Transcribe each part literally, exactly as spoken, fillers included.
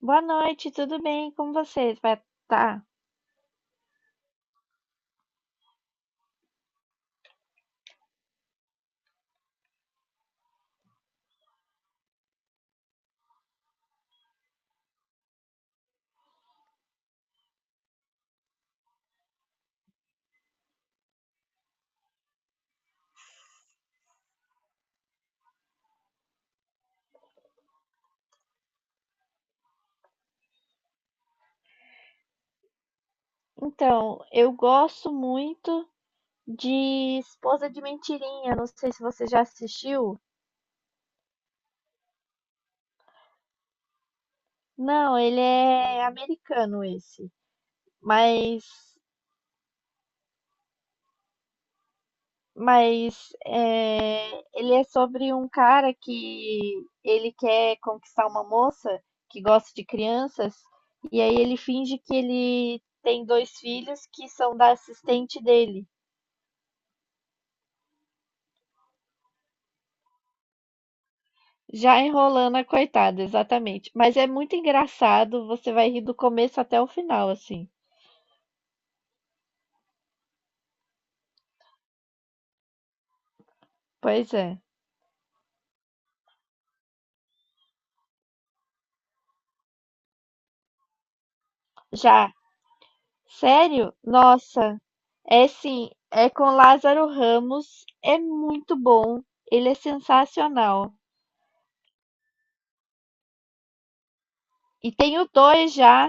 Boa noite, tudo bem? Como você vai tá? Então, eu gosto muito de Esposa de Mentirinha. Não sei se você já assistiu. Não, ele é americano esse, mas mas é, ele é sobre um cara que ele quer conquistar uma moça que gosta de crianças. E aí ele finge que ele tem dois filhos que são da assistente dele. Já enrolando a coitada, exatamente. Mas é muito engraçado, você vai rir do começo até o final, assim. Pois é. Já, sério? Nossa, é sim, é com Lázaro Ramos, é muito bom, ele é sensacional. E tem o dois já,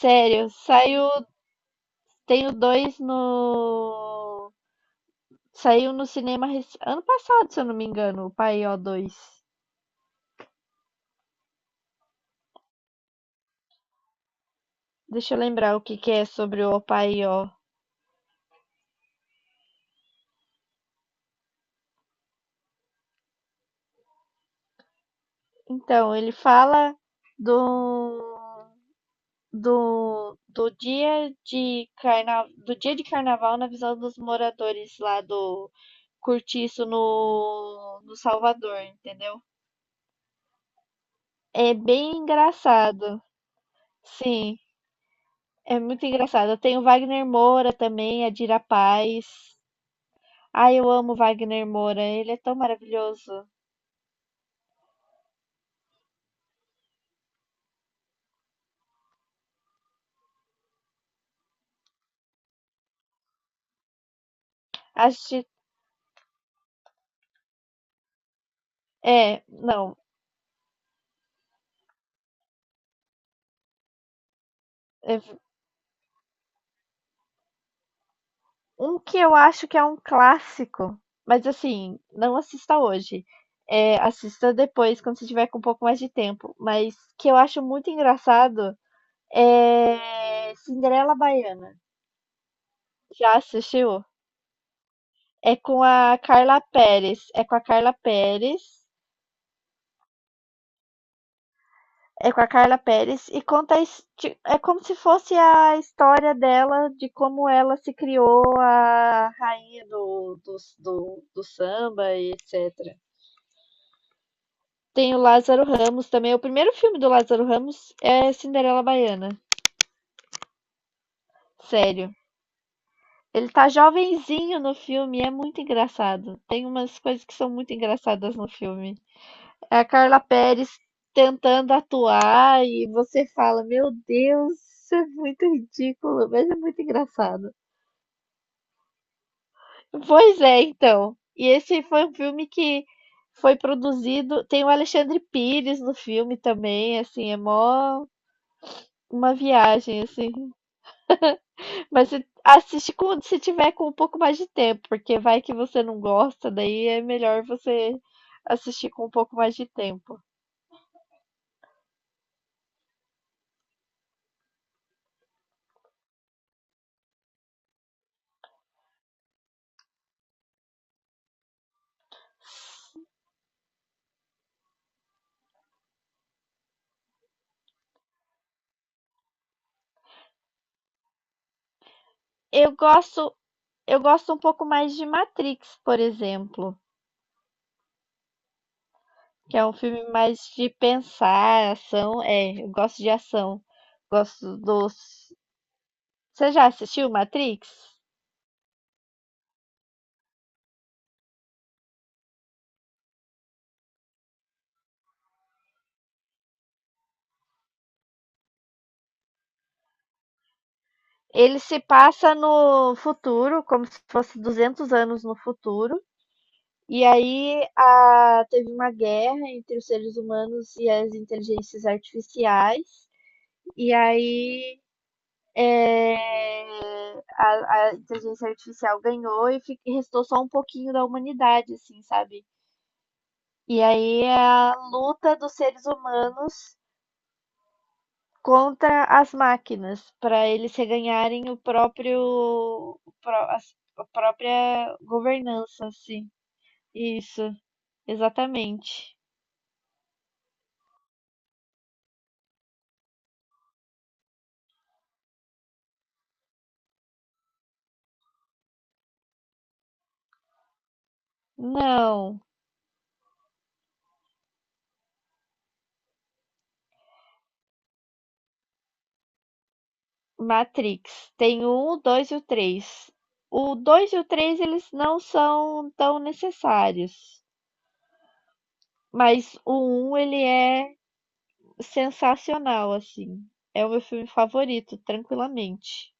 sério, saiu, tem o dois no, saiu no cinema rec- ano passado, se eu não me engano, o Paió dois. Deixa eu lembrar o que que é sobre o Paió. Então, ele fala do, do, do dia de carna, do dia de carnaval na visão dos moradores lá do Cortiço no, no Salvador, entendeu? É bem engraçado. Sim, é muito engraçado. Tem o Wagner Moura também, a Dira Paz. Ai, eu amo o Wagner Moura, ele é tão maravilhoso. Acho, é, não, é, Um que eu acho que é um clássico, mas assim, não assista hoje. É, assista depois, quando você tiver com um pouco mais de tempo. Mas que eu acho muito engraçado é Cinderela Baiana. Já assistiu? É com a Carla Pérez. É com a Carla Pérez. É com a Carla Pérez e conta a his- ti- é como se fosse a história dela de como ela se criou a rainha do, do, do, do samba e etecetera. Tem o Lázaro Ramos também. O primeiro filme do Lázaro Ramos é Cinderela Baiana. Sério. Ele tá jovenzinho no filme, é muito engraçado. Tem umas coisas que são muito engraçadas no filme. É a Carla Perez tentando atuar e você fala: Meu Deus, isso é muito ridículo, mas é muito engraçado. Pois é, então. E esse foi um filme que foi produzido. Tem o Alexandre Pires no filme também, assim, é mó uma viagem, assim. Mas você assiste quando se tiver com um pouco mais de tempo, porque vai que você não gosta, daí é melhor você assistir com um pouco mais de tempo. Eu gosto, eu gosto um pouco mais de Matrix, por exemplo, que é um filme mais de pensar, ação. É, eu gosto de ação. Gosto dos. Você já assistiu Matrix? Ele se passa no futuro, como se fosse duzentos anos no futuro. E aí a, teve uma guerra entre os seres humanos e as inteligências artificiais. E aí é, a, a inteligência artificial ganhou e fi- restou só um pouquinho da humanidade, assim, sabe? E aí é a luta dos seres humanos contra as máquinas, para eles reganharem o próprio, o pró- as- a própria governança, assim. Isso, exatamente. Não. Matrix. Tem o um, o dois e o três. O dois e o três eles não são tão necessários. Mas o um, ele é sensacional, assim. É o meu filme favorito, tranquilamente.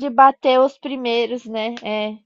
De bater os primeiros, né? É.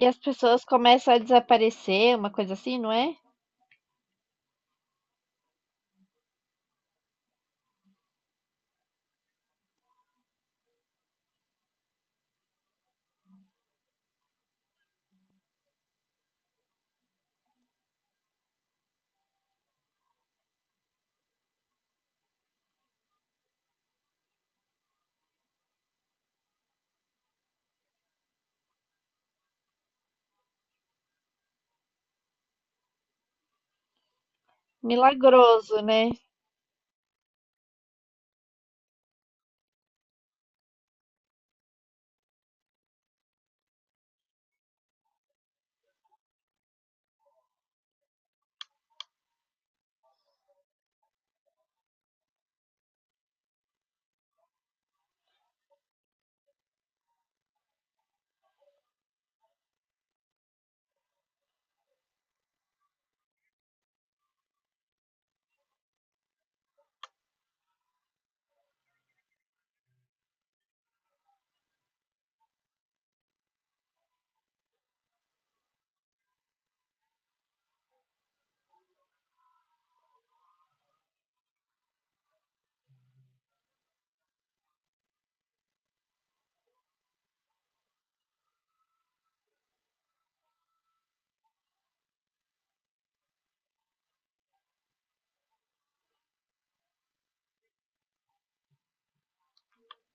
E as pessoas começam a desaparecer, uma coisa assim, não é? Milagroso, né?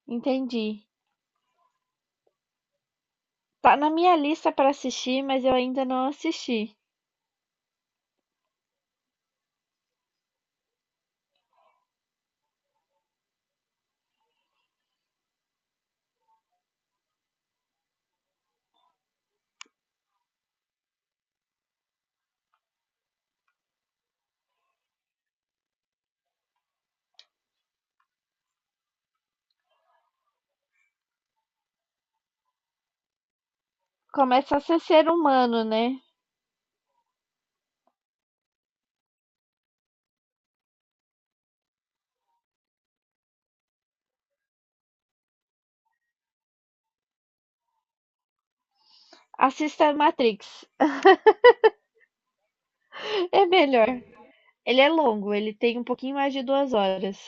Entendi. Tá na minha lista para assistir, mas eu ainda não assisti. Começa a ser ser humano, né? Assista Matrix. É melhor. Ele é longo, ele tem um pouquinho mais de duas horas.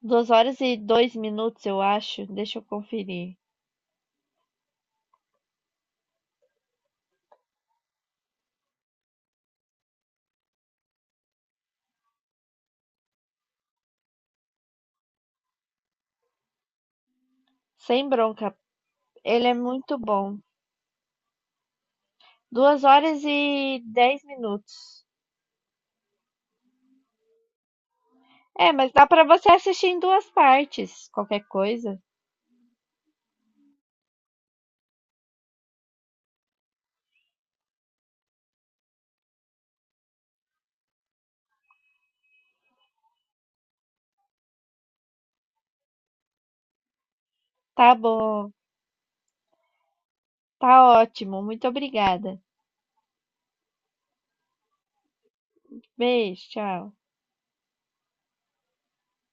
Duas horas e dois minutos, eu acho. Deixa eu conferir. Sem bronca. Ele é muito bom. Duas horas e dez minutos. É, mas dá pra você assistir em duas partes. Qualquer coisa. Tá bom. Tá ótimo. Muito obrigada. Beijo, tchau.